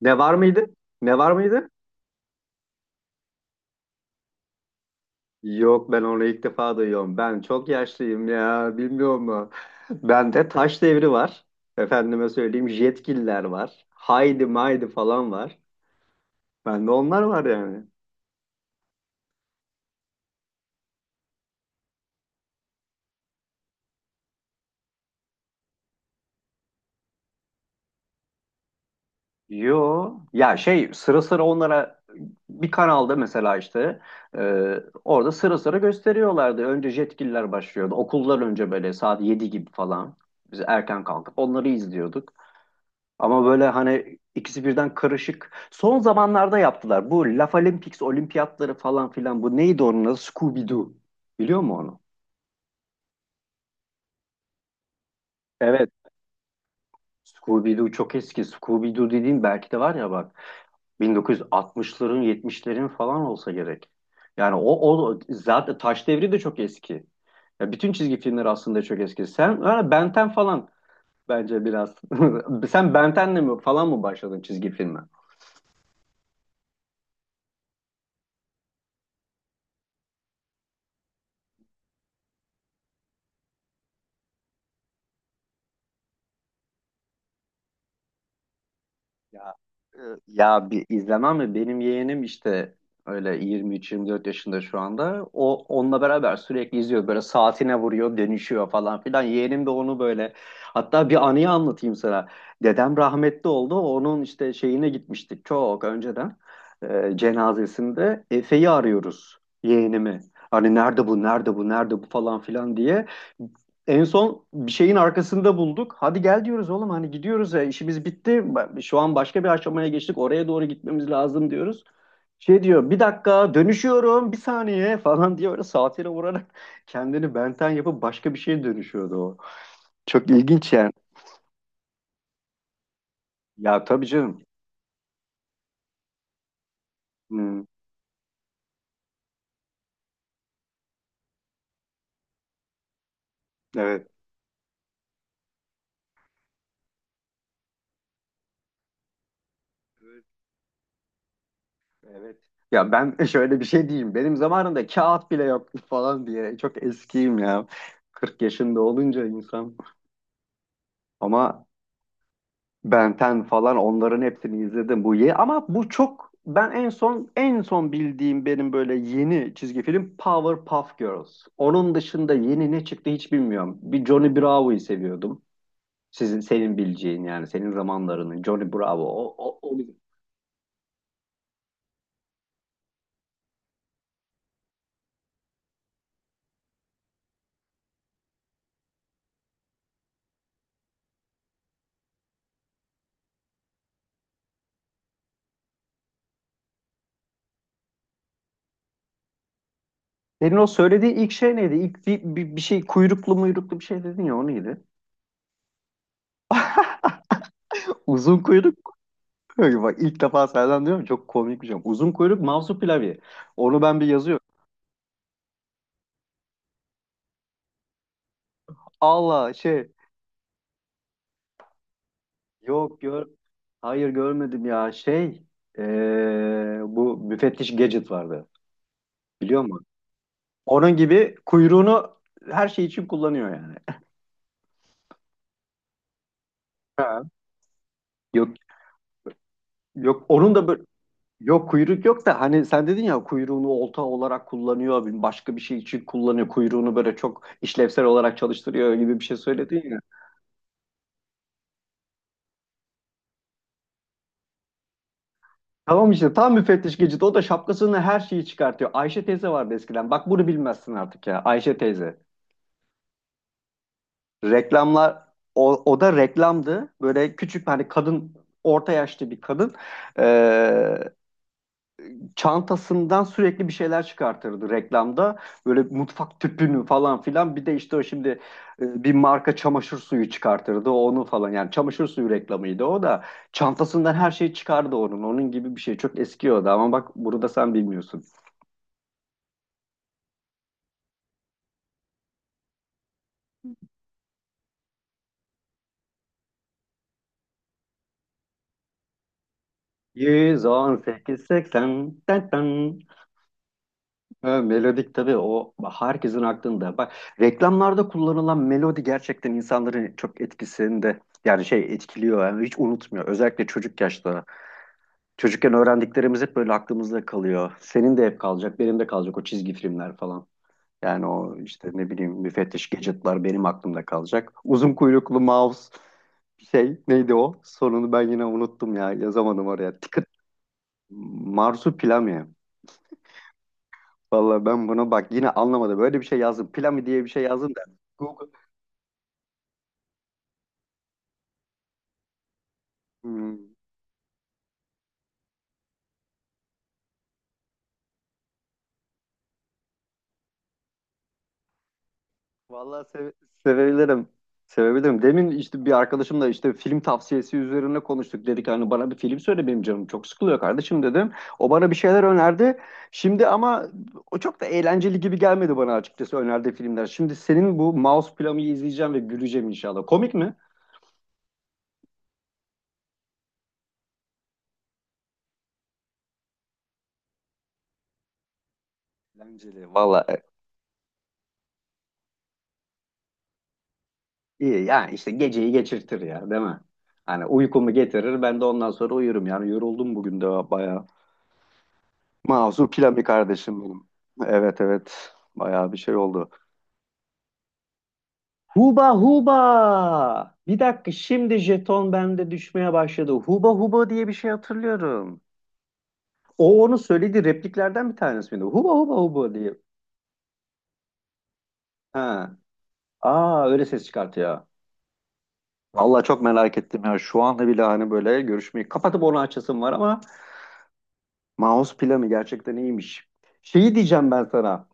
Ne var mıydı? Ne var mıydı? Yok, ben onu ilk defa duyuyorum. Ben çok yaşlıyım ya, bilmiyor mu? Bende taş devri var. Efendime söyleyeyim, jetgiller var. Haydi maydi falan var. Bende onlar var yani. Yo ya, şey, sıra sıra onlara bir kanalda mesela işte e, orada sıra sıra gösteriyorlardı. Önce jetgiller başlıyordu. Okullar önce böyle saat 7 gibi falan. Biz erken kalkıp onları izliyorduk. Ama böyle hani ikisi birden karışık. Son zamanlarda yaptılar. Bu Laf Olympics, olimpiyatları falan filan. Bu neydi onun adı? Scooby-Doo. Biliyor musun onu? Evet. Scooby-Doo çok eski. Scooby-Doo dediğin belki de var ya bak. 1960'ların 70'lerin falan olsa gerek. Yani o zaten Taş Devri de çok eski. Ya bütün çizgi filmler aslında çok eski. Sen yani Benten falan bence biraz. Sen Benten'le mi falan mı başladın çizgi filme? Ya, e, ya bir izlemem mi? Benim yeğenim işte öyle 23 24 yaşında şu anda. O onunla beraber sürekli izliyor. Böyle saatine vuruyor, dönüşüyor falan filan. Yeğenim de onu böyle. Hatta bir anıyı anlatayım sana. Dedem rahmetli oldu. Onun işte şeyine gitmiştik çok önceden. Cenazesinde Efe'yi arıyoruz, yeğenimi. Hani nerede bu, nerede bu, nerede bu falan filan diye. En son bir şeyin arkasında bulduk. Hadi gel diyoruz oğlum, hani gidiyoruz ya, işimiz bitti. Şu an başka bir aşamaya geçtik. Oraya doğru gitmemiz lazım diyoruz. Şey diyor, bir dakika dönüşüyorum bir saniye falan diye, böyle saatine vurarak kendini benten yapıp başka bir şeye dönüşüyordu o. Çok ilginç yani. Ya tabii canım. Hmm, evet. Evet. Ya ben şöyle bir şey diyeyim. Benim zamanımda kağıt bile yoktu falan diye. Çok eskiyim ya. 40 yaşında olunca insan. Ama Ben 10 falan onların hepsini izledim bu ye ama bu çok ben en son bildiğim benim böyle yeni çizgi film Powerpuff Girls. Onun dışında yeni ne çıktı hiç bilmiyorum. Bir Johnny Bravo'yu seviyordum. Senin bileceğin yani senin zamanlarının Johnny Bravo. O. Senin o söylediğin ilk şey neydi? İlk bir şey, kuyruklu muyruklu bir şey dedin ya, o neydi? Uzun kuyruk. Bak, ilk defa senden diyorum, çok komik bir şey. Uzun kuyruk Mavsu Pilavı. Onu ben bir yazıyorum. Allah şey. Yok gör. Hayır, görmedim ya. Şey, bu müfettiş Gadget vardı. Biliyor musun? Onun gibi kuyruğunu her şey için kullanıyor yani. Ha. Yok yok onun da böyle yok, kuyruk yok da, hani sen dedin ya, kuyruğunu olta olarak kullanıyor, başka bir şey için kullanıyor kuyruğunu, böyle çok işlevsel olarak çalıştırıyor gibi bir şey söyledin ya. Tamam işte, tam müfettiş Gadget, o da şapkasını her şeyi çıkartıyor. Ayşe teyze vardı eskiden, bak bunu bilmezsin artık ya, Ayşe teyze. Reklamlar, o da reklamdı. Böyle küçük hani kadın, orta yaşlı bir kadın, eee, çantasından sürekli bir şeyler çıkartırdı reklamda. Böyle mutfak tüpünü falan filan, bir de işte o şimdi bir marka çamaşır suyu çıkartırdı onu falan. Yani çamaşır suyu reklamıydı o da. Çantasından her şey çıkardı onun. Onun gibi bir şey, çok eski o da ama bak, burada sen bilmiyorsun. 118.80. Ha, melodik tabii, o herkesin aklında. Bak, reklamlarda kullanılan melodi gerçekten insanların çok etkisinde, yani şey etkiliyor yani, hiç unutmuyor. Özellikle çocuk yaşta. Çocukken öğrendiklerimiz hep böyle aklımızda kalıyor. Senin de hep kalacak, benim de kalacak o çizgi filmler falan. Yani o işte, ne bileyim, müfettiş Gadget'lar benim aklımda kalacak. Uzun kuyruklu mouse, şey, neydi o? Sonunu ben yine unuttum ya, yazamadım oraya. Tıkır. Marsupilami. Vallahi ben bunu bak yine anlamadım. Böyle bir şey yazdım. Plami diye bir şey yazdım da. Google. Hmm. Vallahi sevebilirim. Sevebilirim. Demin işte bir arkadaşımla işte film tavsiyesi üzerine konuştuk. Dedik hani, bana bir film söyle, benim canım çok sıkılıyor kardeşim dedim. O bana bir şeyler önerdi. Şimdi ama o çok da eğlenceli gibi gelmedi bana, açıkçası önerdiği filmler. Şimdi senin bu Mouse Plami'yi izleyeceğim ve güleceğim inşallah. Komik mi? Eğlenceli. Valla. İyi yani işte, geceyi geçirtir ya değil mi? Hani uykumu getirir, ben de ondan sonra uyurum yani, yoruldum bugün de bayağı. Mazur Pilami kardeşim benim. Evet evet, bayağı bir şey oldu. Huba huba! Bir dakika, şimdi jeton bende düşmeye başladı. Huba huba diye bir şey hatırlıyorum. O onu söyledi, repliklerden bir tanesi miydi? Huba huba huba diye. Ha. Aa, öyle ses çıkartıyor. Vallahi çok merak ettim ya. Şu anda bile hani böyle görüşmeyi kapatıp onu açasım var ama Mouse planı gerçekten iyiymiş. Şeyi diyeceğim ben sana.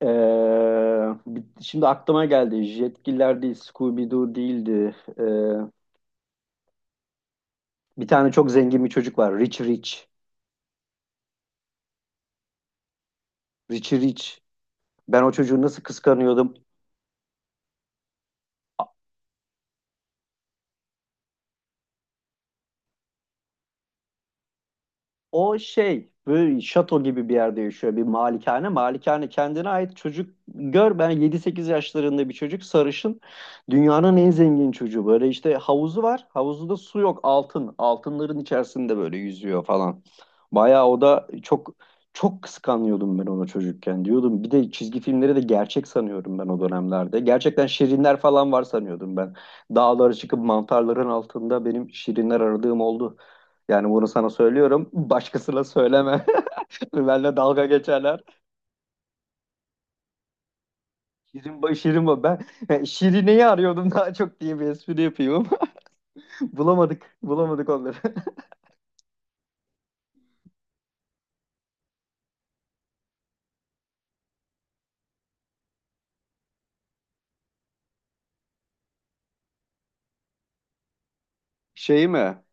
Ee, şimdi aklıma geldi. Jetgiller değil, Scooby-Doo değildi. Bir tane çok zengin bir çocuk var. Rich Rich. Rich Rich. Ben o çocuğu nasıl kıskanıyordum. O şey, böyle şato gibi bir yerde yaşıyor, bir malikane. Malikane kendine ait, çocuk gör, ben yedi sekiz yaşlarında bir çocuk, sarışın, dünyanın en zengin çocuğu. Böyle işte havuzu var, havuzunda su yok, altın, altınların içerisinde böyle yüzüyor falan. Bayağı o da çok, çok kıskanıyordum ben onu çocukken, diyordum. Bir de çizgi filmleri de gerçek sanıyorum ben o dönemlerde. Gerçekten şirinler falan var sanıyordum ben. Dağlara çıkıp mantarların altında benim şirinler aradığım oldu. Yani bunu sana söylüyorum. Başkasına söyleme. Benle dalga geçerler. Şirin, şirin ben yani Şirine'yi arıyordum daha çok diye bir espri yapıyorum. Bulamadık. Bulamadık onları. Şey mi?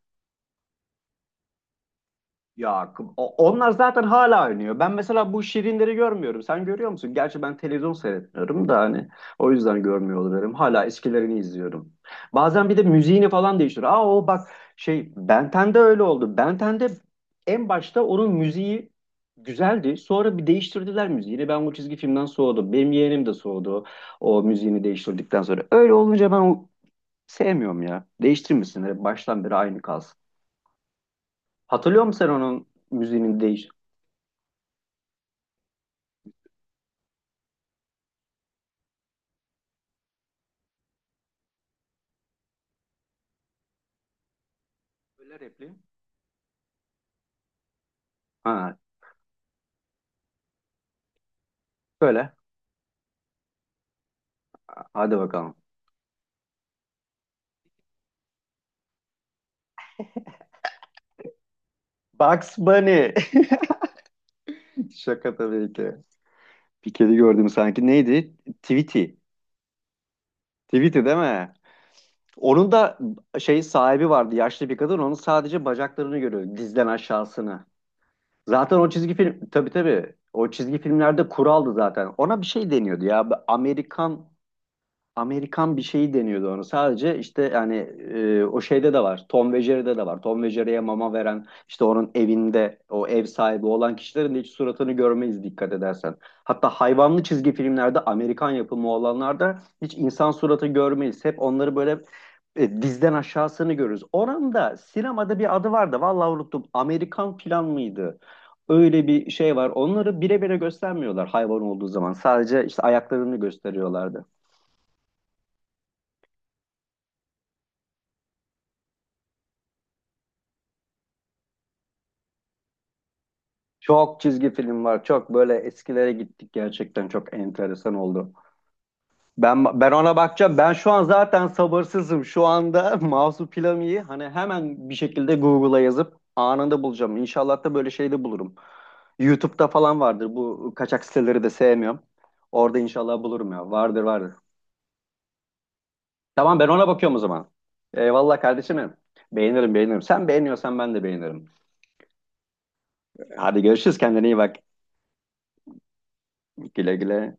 Ya onlar zaten hala oynuyor. Ben mesela bu Şirinleri görmüyorum. Sen görüyor musun? Gerçi ben televizyon seyretmiyorum da hani o yüzden görmüyor olabilirim. Hala eskilerini izliyorum. Bazen bir de müziğini falan değiştiriyor. Aa o bak, şey, Ben 10'de öyle oldu. Ben 10'de en başta onun müziği güzeldi. Sonra bir değiştirdiler müziğini. Ben o çizgi filmden soğudum. Benim yeğenim de soğudu o müziğini değiştirdikten sonra. Öyle olunca ben o sevmiyorum ya. Değiştirmesinler. Baştan beri aynı kalsın. Hatırlıyor musun sen onun müziğinin değiş. Böyle repliğim. Ha, böyle. Hadi bakalım. Bugs Bunny. Şaka tabii ki. Bir kedi gördüm sanki. Neydi? Tweety. Tweety değil mi? Onun da şey, sahibi vardı. Yaşlı bir kadın. Onun sadece bacaklarını görüyor. Dizden aşağısını. Zaten o çizgi film, tabii tabii. O çizgi filmlerde kuraldı zaten. Ona bir şey deniyordu ya. Amerikan, Amerikan bir şeyi deniyordu onu. Sadece işte yani o şeyde de var. Tom ve Jerry'de de var. Tom ve Jerry'ye mama veren işte onun evinde o ev sahibi olan kişilerin de hiç suratını görmeyiz dikkat edersen. Hatta hayvanlı çizgi filmlerde, Amerikan yapımı olanlarda hiç insan suratı görmeyiz. Hep onları böyle dizden aşağısını görürüz. Oranın da sinemada bir adı vardı. Vallahi unuttum. Amerikan plan mıydı? Öyle bir şey var. Onları bire bire göstermiyorlar hayvan olduğu zaman. Sadece işte ayaklarını gösteriyorlardı. Çok çizgi film var. Çok böyle eskilere gittik, gerçekten çok enteresan oldu. Ben ona bakacağım. Ben şu an zaten sabırsızım. Şu anda Marsupilami'yi hani hemen bir şekilde Google'a yazıp anında bulacağım. İnşallah da böyle şey de bulurum. YouTube'da falan vardır. Bu kaçak siteleri de sevmiyorum. Orada inşallah bulurum ya. Vardır vardır. Tamam, ben ona bakıyorum o zaman. Eyvallah kardeşim. Benim. Beğenirim beğenirim. Sen beğeniyorsan ben de beğenirim. Hadi görüşürüz. Kendine iyi bak. Güle güle.